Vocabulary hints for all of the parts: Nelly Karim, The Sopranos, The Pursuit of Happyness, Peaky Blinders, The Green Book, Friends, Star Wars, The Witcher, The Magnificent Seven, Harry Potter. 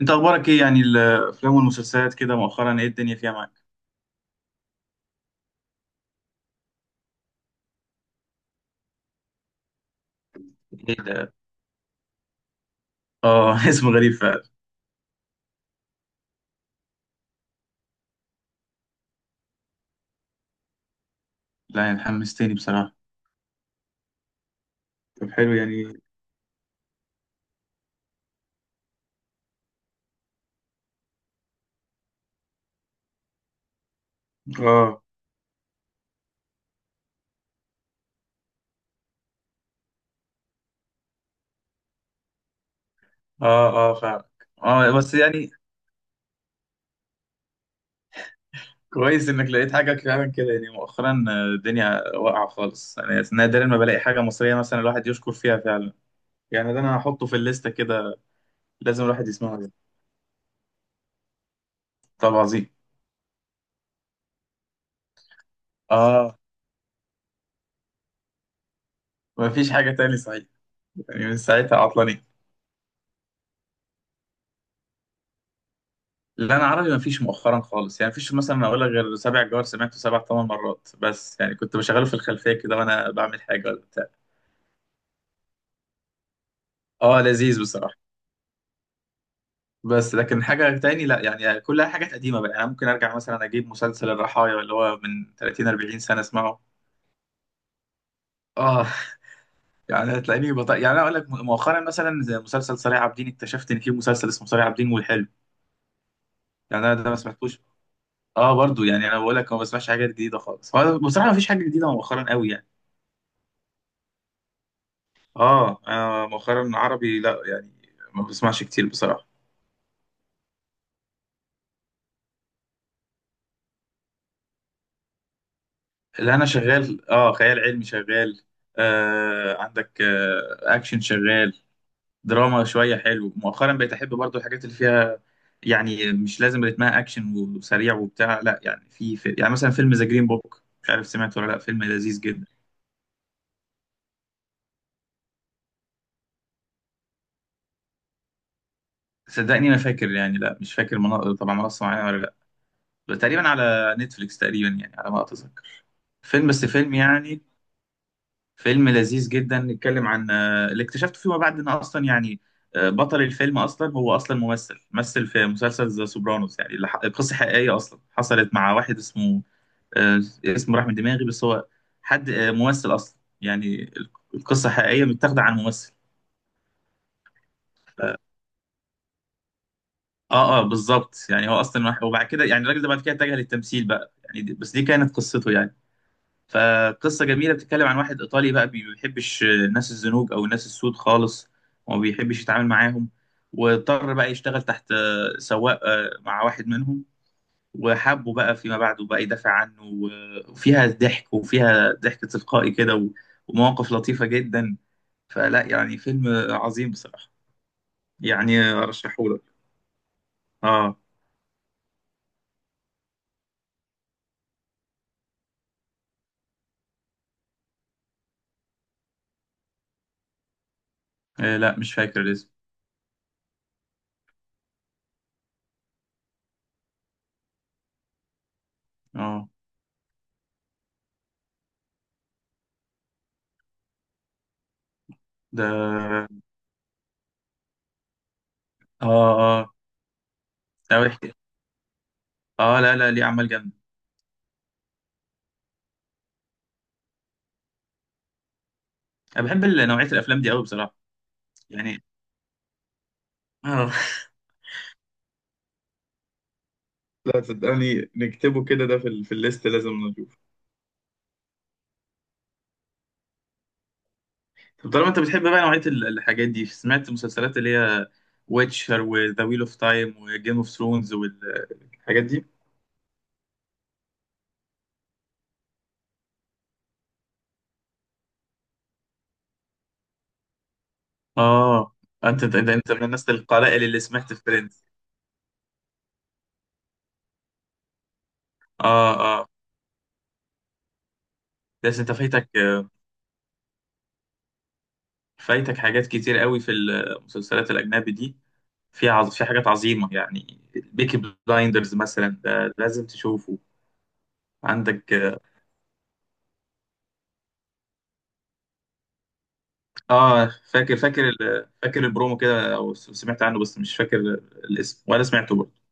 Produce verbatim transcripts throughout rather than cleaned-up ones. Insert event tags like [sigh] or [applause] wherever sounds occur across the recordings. انت اخبارك ايه، يعني الافلام والمسلسلات كده مؤخرا، ايه الدنيا فيها معاك؟ ايه ده؟ اه، [laughs] اسم غريب فعلا. لا يعني حمستني بصراحه. طب حلو يعني. اه، اه، اه، فعلا. اه، بس يعني كويس انك لقيت حاجه فعلا كده، يعني مؤخرا آه، الدنيا واقعه خالص. انا نادرا ما بلاقي حاجه مصريه مثلا الواحد يشكر فيها فعلا. يعني ده، انا هحطه في الليسته كده، لازم الواحد يسمعه يعني. طب عظيم. اه، مفيش حاجه تاني صحيح؟ يعني من ساعتها عطلانين. لا، انا عربي ما فيش مؤخرا خالص يعني، فيش مثلا اقول لك غير سبع جوار، سمعته سبع ثمان مرات، بس يعني كنت بشغله في الخلفيه كده وانا بعمل حاجه ولا بتاع. اه، لذيذ بصراحه. بس لكن حاجه تاني لا يعني، كلها حاجات قديمه بقى، يعني ممكن ارجع مثلا اجيب مسلسل الرحايا اللي هو من تلاتين اربعين سنه، اسمعه. اه، يعني هتلاقيني بط... يعني انا اقول لك مؤخرا، مثلا زي مسلسل صريع عابدين، اكتشفت ان في مسلسل اسمه صريع عابدين، والحلو يعني انا ده ما سمعتوش. اه، برضو يعني انا بقول لك ما بسمعش حاجات جديده خالص، هو بصراحه ما فيش حاجه جديده مؤخرا قوي يعني. اه، انا مؤخرا عربي لا يعني، ما بسمعش كتير بصراحه. اللي انا شغال، اه خيال علمي شغال، آه عندك، آه اكشن شغال، دراما شويه. حلو مؤخرا بقيت احب برضو الحاجات اللي فيها، يعني مش لازم رتمها اكشن وسريع وبتاع، لا يعني، في, في يعني مثلا فيلم ذا جرين بوك، مش عارف سمعت ولا لا، فيلم لذيذ جدا. صدقني ما فاكر يعني، لا مش فاكر منا... طبعا منصه معينه ولا، لا تقريبا على نتفليكس تقريبا يعني على ما اتذكر. فيلم، بس فيلم يعني، فيلم لذيذ جدا، نتكلم عن آه، اللي اكتشفته فيما بعد ان اصلا يعني آه، بطل الفيلم اصلا هو اصلا ممثل، مثل في مسلسل ذا سوبرانوس يعني، اللي ح- قصه حقيقيه اصلا حصلت مع واحد اسمه، آه، اسمه راح من دماغي، بس هو حد آه، ممثل اصلا يعني، القصه حقيقيه متاخده عن ممثل. اه، اه، بالظبط يعني، هو اصلا واحد وبعد كده يعني الراجل ده بعد كده اتجه للتمثيل بقى يعني، دي- بس دي كانت قصته يعني. فقصة جميلة بتتكلم عن واحد إيطالي بقى بي- ما بيحبش الناس الزنوج أو الناس السود خالص، وما بيحبش يتعامل معاهم، واضطر بقى يشتغل تحت آه، سواق آه، مع واحد منهم، وحبه بقى فيما بعد وبقى يدافع عنه، و- وفيها ضحك، وفيها ضحك تلقائي كده، و- ومواقف لطيفة جدا. فلا يعني، فيلم عظيم بصراحة، يعني أرشحهولك. آه، آه، لا مش فاكر الاسم. آه، ده، آه، آه، آه، لا احكي. آه، لا لا، ليه أعمال جامدة. انا بحب ال- نوعيه الافلام دي قوي بصراحه، يعني اه. لا صدقني نكتبه كده، ده في ال... في الليست لازم نشوف. طب طالما انت بتحب بقى نوعيه ال- الحاجات دي، سمعت مسلسلات اللي هي ويتشر وذا ويل اوف تايم وجيم اوف ثرونز وال الحاجات دي؟ اه، انت انت انت من الناس القلائل اللي سمعت في فريندز. اه، اه، بس انت فايتك، فايتك حاجات كتير قوي في المسلسلات الاجنبي دي، في عظ... في حاجات عظيمه يعني، بيكي بلايندرز مثلا ده لازم تشوفه. عندك اه، فاكر، فاكر ال- فاكر البرومو كده، او سمعت عنه، بس مش فاكر الاسم ولا سمعته برضه.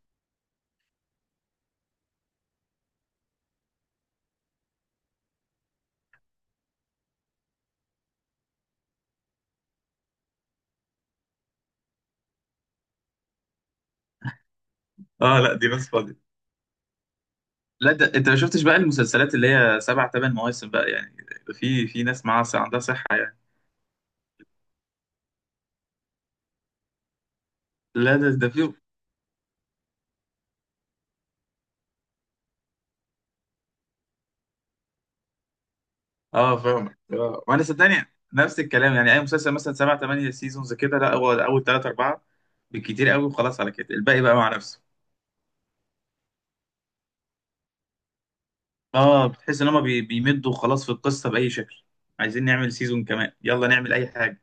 اه، لا دي ناس فاضية. لا ده انت ما شفتش بقى المسلسلات اللي هي سبع ثمان مواسم بقى يعني، في في ناس معاها عندها صحة يعني. لا، ده ده في. اه فاهمك آه. وانا صدقني نفس الكلام يعني، اي مسلسل مثلا سبع ثمانية سيزونز كده، لا، هو اول ثلاثة أربعة بالكتير قوي، وخلاص على كده الباقي بقى مع نفسه. اه، بتحس ان هما بي- بيمدوا خلاص في القصة بأي شكل، عايزين نعمل سيزون كمان يلا نعمل اي حاجة.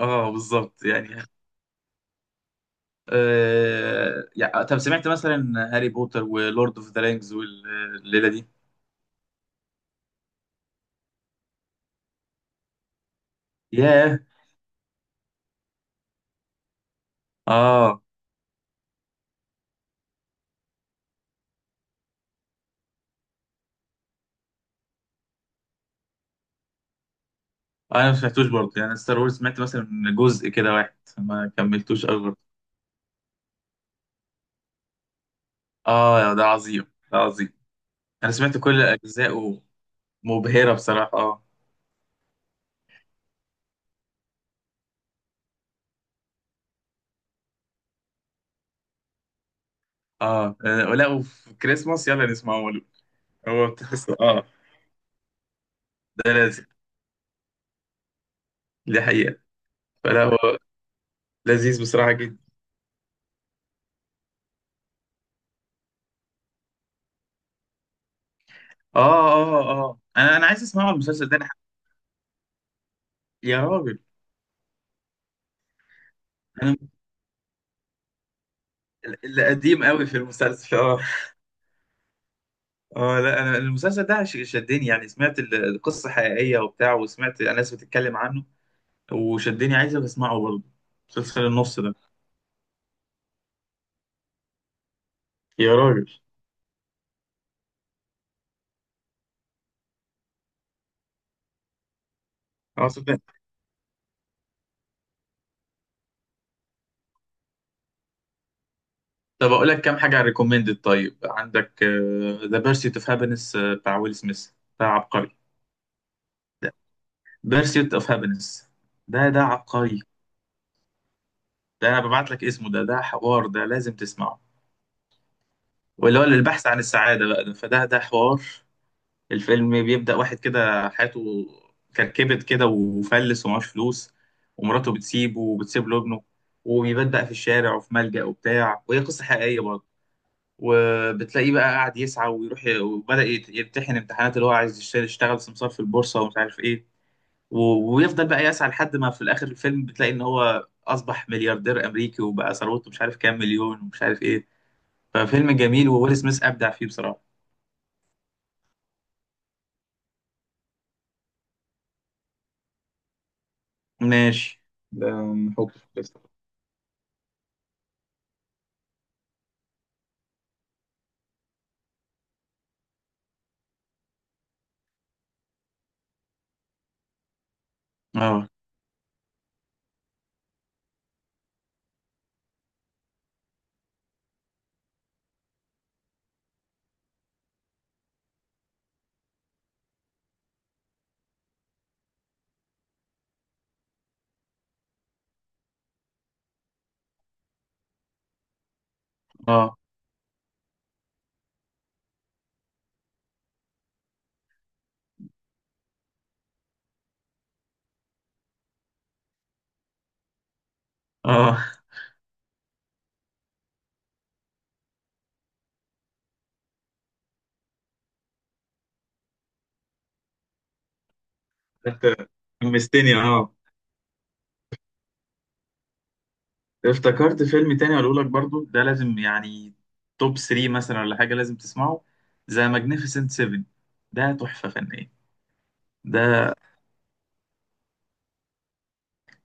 اه، بالظبط يعني، آه... يعني طب سمعت مثلا هاري بوتر ولورد اوف ذا رينجز والليله دي؟ ياه. اه، انا ما سمعتوش برضه يعني، ستار وورز سمعت مثلا جزء كده واحد، ما كملتوش قوي برضه. اه، ده عظيم، ده عظيم، انا سمعت كل اجزائه مبهره بصراحه، اه. اه، آه، لا وفي كريسماس يلا نسمعه هو، هو بتحس اه، ده لازم، دي حقيقه، فلا هو لذيذ بصراحه جدا. اه، اه، اه، انا انا عايز اسمعه المسلسل ده، أنا ح- يا راجل، اللي قديم قوي في المسلسل [laughs] اه. اه، لا انا المسلسل ده ش- شدني يعني، سمعت ال- القصه حقيقيه وبتاع، وسمعت ناس بتتكلم عنه وشدني، عايز اسمعه برضه، مسلسل النص ده. يا راجل. اه صدقني. طب اقول لك كام حاجه ريكومندد طيب، عندك ذا بيرسيت اوف هابينس بتاع ويل سميث، ده عبقري. بيرسيت اوف هابينس، ده ده عبقري. ده، انا ببعت لك اسمه، ده ده حوار، ده لازم تسمعه، واللي هو البحث عن السعاده بقى، ده فده ده حوار. الفيلم بيبدأ واحد كده حياته كركبت كده وفلس ومعهوش فلوس، ومراته بتسيبه وبتسيب له ابنه، وبيبدأ في الشارع وفي ملجأ وبتاع، وهي قصة حقيقية برضه. وبتلاقيه بقى قاعد يسعى ويروح ي- وبدأ يت- يمتحن امتحانات، اللي هو عايز يشت- يشتغل سمسار في البورصة ومش عارف ايه، و- ويفضل بقى يسعى لحد ما في الآخر الفيلم بتلاقي إن هو أصبح ملياردير أمريكي، وبقى ثروته مش عارف كام مليون ومش عارف ايه. ففيلم جميل، وويل سميث أبدع فيه بصراحة. ماشي، ده محطوط في الليستة. اه، اه، اه، انت حمستني اه. افتكرت فيلم تاني اقول لك برضو، ده لازم يعني توب ثري مثلا ولا حاجه، لازم تسمعه، ذا ماجنيفيسنت سفن ده تحفه فنيه. ده،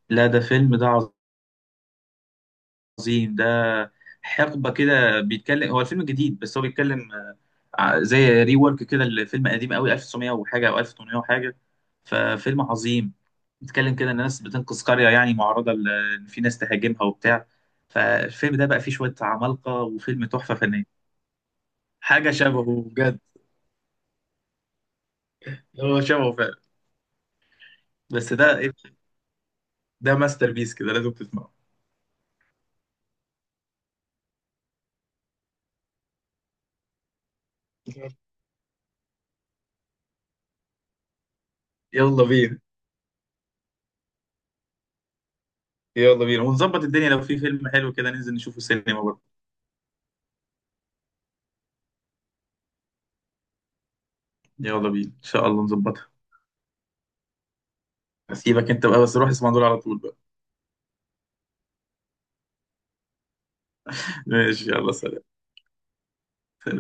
لا ده فيلم ده عظيم، ده حقبه كده بيتكلم، هو الفيلم جديد بس هو بيتكلم ع- زي ري ورك كده لفيلم قديم قوي، ألف وتسعمية وحاجه او ألف وتمنمية وحاجه، ففيلم عظيم. بيتكلم كده ان ناس بتنقذ قريه يعني معرضه ل- ان في ناس تهاجمها وبتاع، فالفيلم ده بقى فيه شويه عمالقه، وفيلم تحفه فنيه. حاجه شبهه بجد، هو شبهه فعلا. بس ده إيه؟ ده ماستر بيس كده لازم تسمعه. يلا بينا، يلا بينا ونظبط الدنيا، لو في فيلم حلو كده ننزل نشوفه سينما برضه. يلا بينا ان شاء الله نظبطها. هسيبك انت بقى، بس روح اسمع دول على طول بقى. [laughs] ماشي يلا، سلام. سلام.